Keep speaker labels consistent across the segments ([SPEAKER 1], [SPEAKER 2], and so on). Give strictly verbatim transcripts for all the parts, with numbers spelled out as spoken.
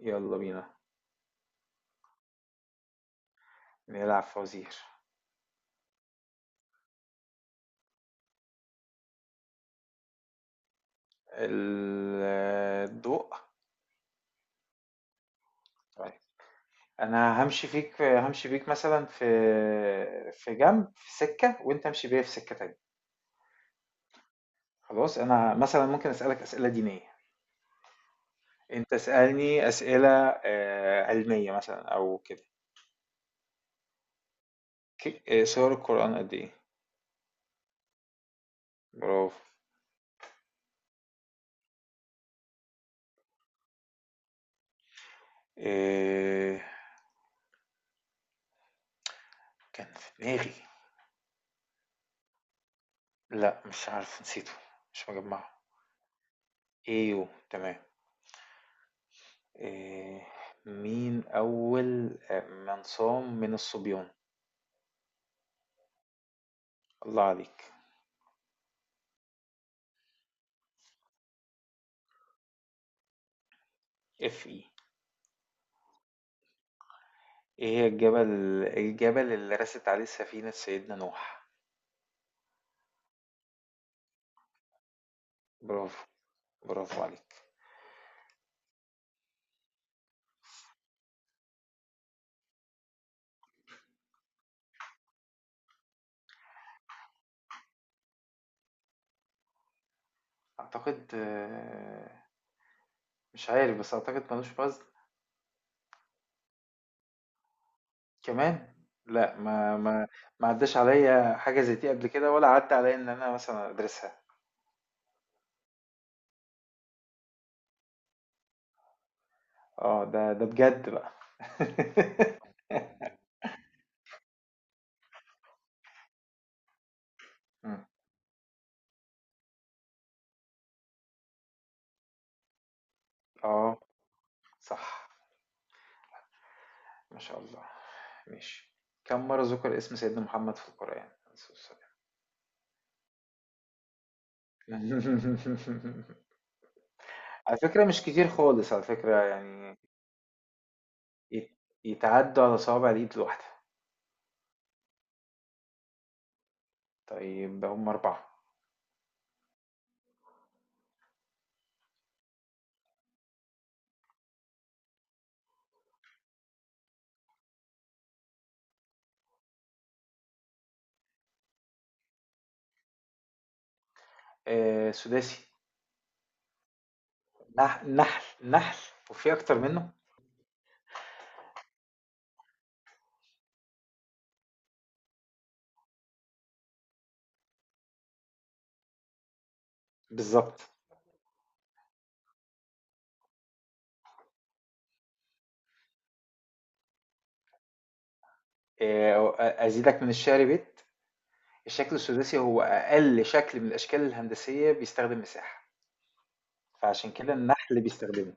[SPEAKER 1] يلا بينا. نلعب فوازير. ال- الضوء. طيب، انا همشي فيك، همشي بيك مثلا في في جنب، في سكة وانت امشي بيا في سكة تانية. خلاص، انا مثلا ممكن اسألك اسئلة دينية. انت اسألني اسئلة آه، علمية مثلا او كده. ك- آه، سور القرآن قد ايه؟ برافو. آه، كان في دماغي. لا مش عارف، نسيته، مش مجمعه. ايوه تمام. آه، مين أول آه، من صام من الصبيان؟ الله عليك. اف اي. ايه هي الجبل؟ الجبل اللي رست عليه سفينة سيدنا نوح. برافو. برافو عليك. أعتقد آه، مش عارف، بس أعتقد ملوش وزن. كمان؟ لا، ما ما ما عداش عليا حاجة زي دي قبل كده، ولا عدى عليا إن أنا مثلا أدرسها. اه ده ده بجد بقى. مم. اه صح. ما شاء الله. ماشي. كم مرة ذُكر اسم سيدنا محمد في القرآن؟ عليه الصلاة والسلام. على فكرة مش كتير خالص، على فكرة يعني. يت يتعدّوا على صوابع الإيد الواحدة. طيب هُم أربعة. آآ سداسي. نح نحل، نحل. وفي أكتر منه؟ بالضبط. آآ أ أزيدك من الشعر بيت، الشكل السداسي هو أقل شكل من الأشكال الهندسية بيستخدم مساحة، فعشان كده النحل بيستخدمه.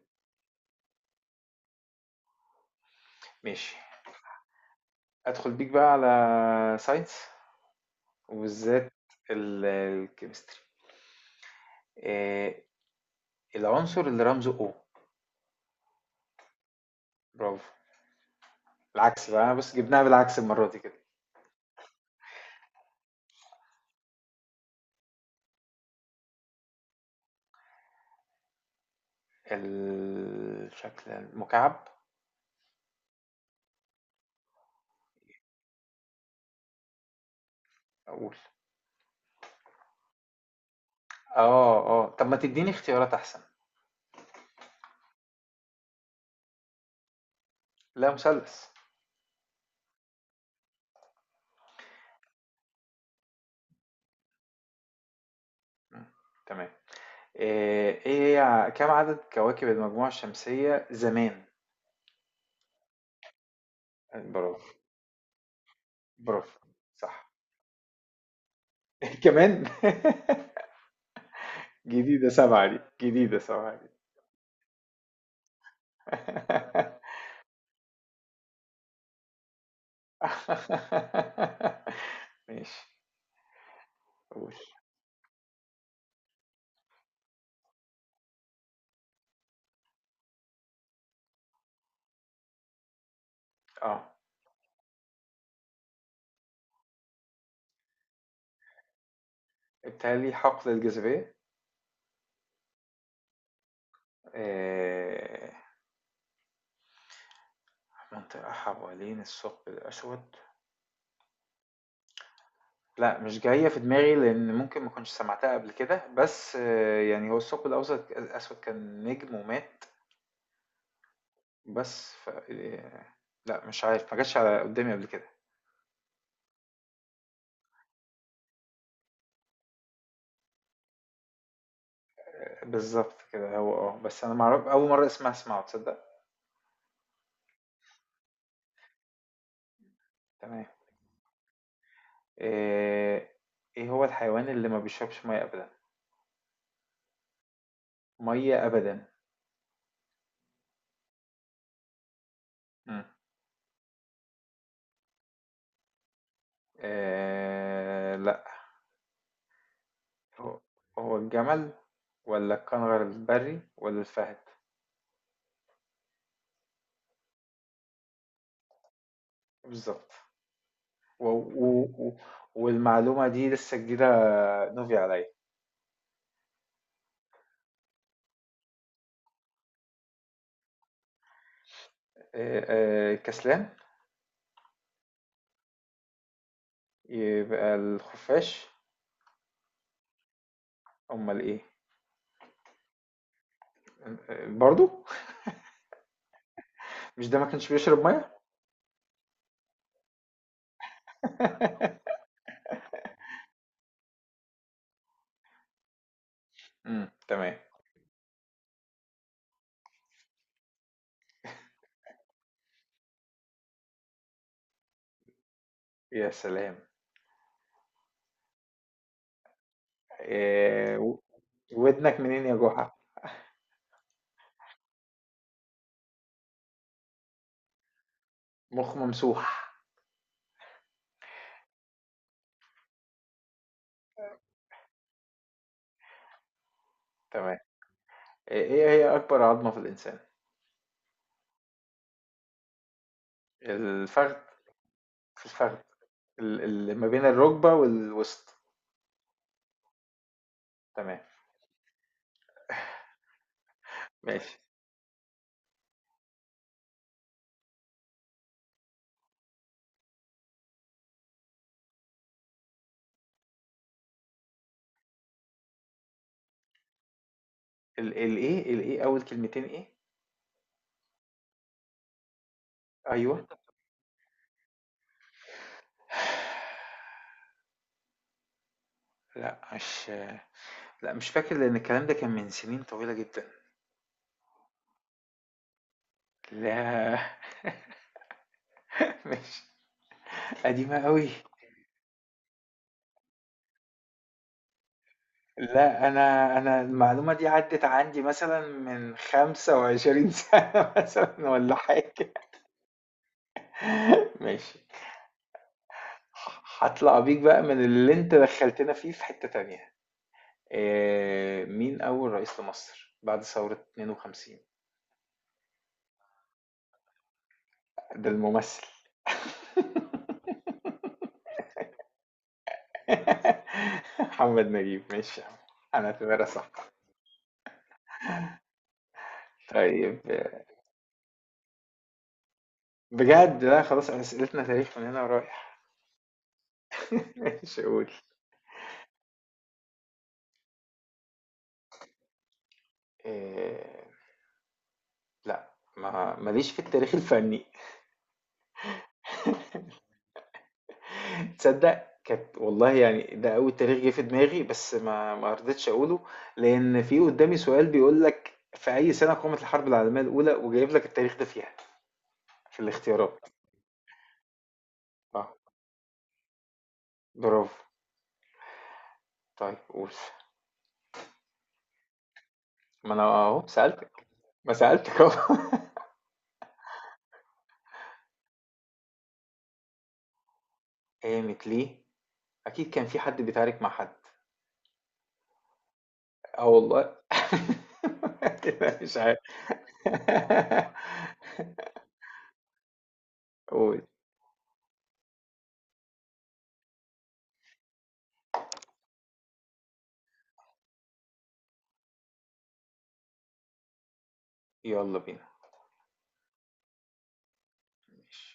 [SPEAKER 1] ماشي. أدخل بيك بقى على science، وبالذات ال- الكيمستري. آه، العنصر اللي رمزه O؟ برافو. العكس بقى، أنا بس جبناها بالعكس المرة دي كده. الشكل المكعب. أقول. اه اه، طب ما تديني اختيارات أحسن. لا مثلث. مم، تمام. آه، ايه هي ع- كم عدد كواكب المجموعة الشمسية زمان؟ برافو. برافو. صح. كمان؟ جديدة سبعة دي، جديدة سبعة دي. ماشي. وش؟ اه. بالتالي حقل الجاذبية. آه، منطقة حوالين الثقب الأسود. لا مش جاية في دماغي، لأن ممكن ما كنتش سمعتها قبل كده، بس آه، يعني هو الثقب الأوسط الأسود كان نجم ومات. بس ف... آه، لا مش عارف، ما جاتش على قدامي قبل كده. بالظبط كده هو، اه، بس أنا معرف أول مرة اسمها اسمعه، تصدق. تمام. آه، إيه هو الحيوان اللي ما بيشربش مية أبدا؟ مية أبدا. مم. آه، لا. هو هو الجمل، ولا الكنغر البري، ولا الفهد. بالظبط. و... و... و... والمعلومة دي لسه جديدة. نوفي عليا. آه، آه، كسلان. يبقى الخفاش. امال ايه؟ آه، برضو؟ مش ده ما كانش بيشرب ميه؟ امم تمام. يا سلام. آه، و- ودنك منين يا جحا. مخ ممسوح. تمام. آه، ايه هي اكبر عظمة في الانسان؟ الفخذ. في الفخذ. ال- اللي ما بين الركبة والوسط. تمام. ماشي. ال الإيه الإيه أول كلمتين إيه؟ أيوه. لأ مش لأ مش فاكر، لأن الكلام ده كان من سنين طويلة جدًا. لا. مش قديمة أوي. لأ، أنا أنا المعلومة دي عدِّت عندي مثلًا من خمسة وعشرين سنة، مثلًا والّا حاجة. ماشي. ه هاطلع بيك بقى من اللي أنت دخّلتنا فيه في حتة تانية. آآ مين أول رئيس لمصر بعد ثورة اتنين وخمسين؟ ده الممثل. محمد نجيب، ماشي يا عم. انا اعتبرها صح. طيب. بجد لا، خلاص اسئلتنا تاريخ من هنا ورايح. ماشي، اقول. إيه... لا، ما ماليش في التاريخ الفني. تصدق كانت والله، يعني ده اول تاريخ جه في دماغي، بس ما ما رضيتش اقوله، لان في قدامي سؤال بيقول لك في اي سنه قامت الحرب العالميه الاولى، وجايب لك التاريخ ده فيها في الاختيارات. اه. برافو. طيب قول. ما انا اهو سالتك. ما سالتك اهو. قامت ليه؟ أكيد كان في حد بيتعارك مع حد. آه والله مش عارف. قُل. يالّا بينا. ماشي.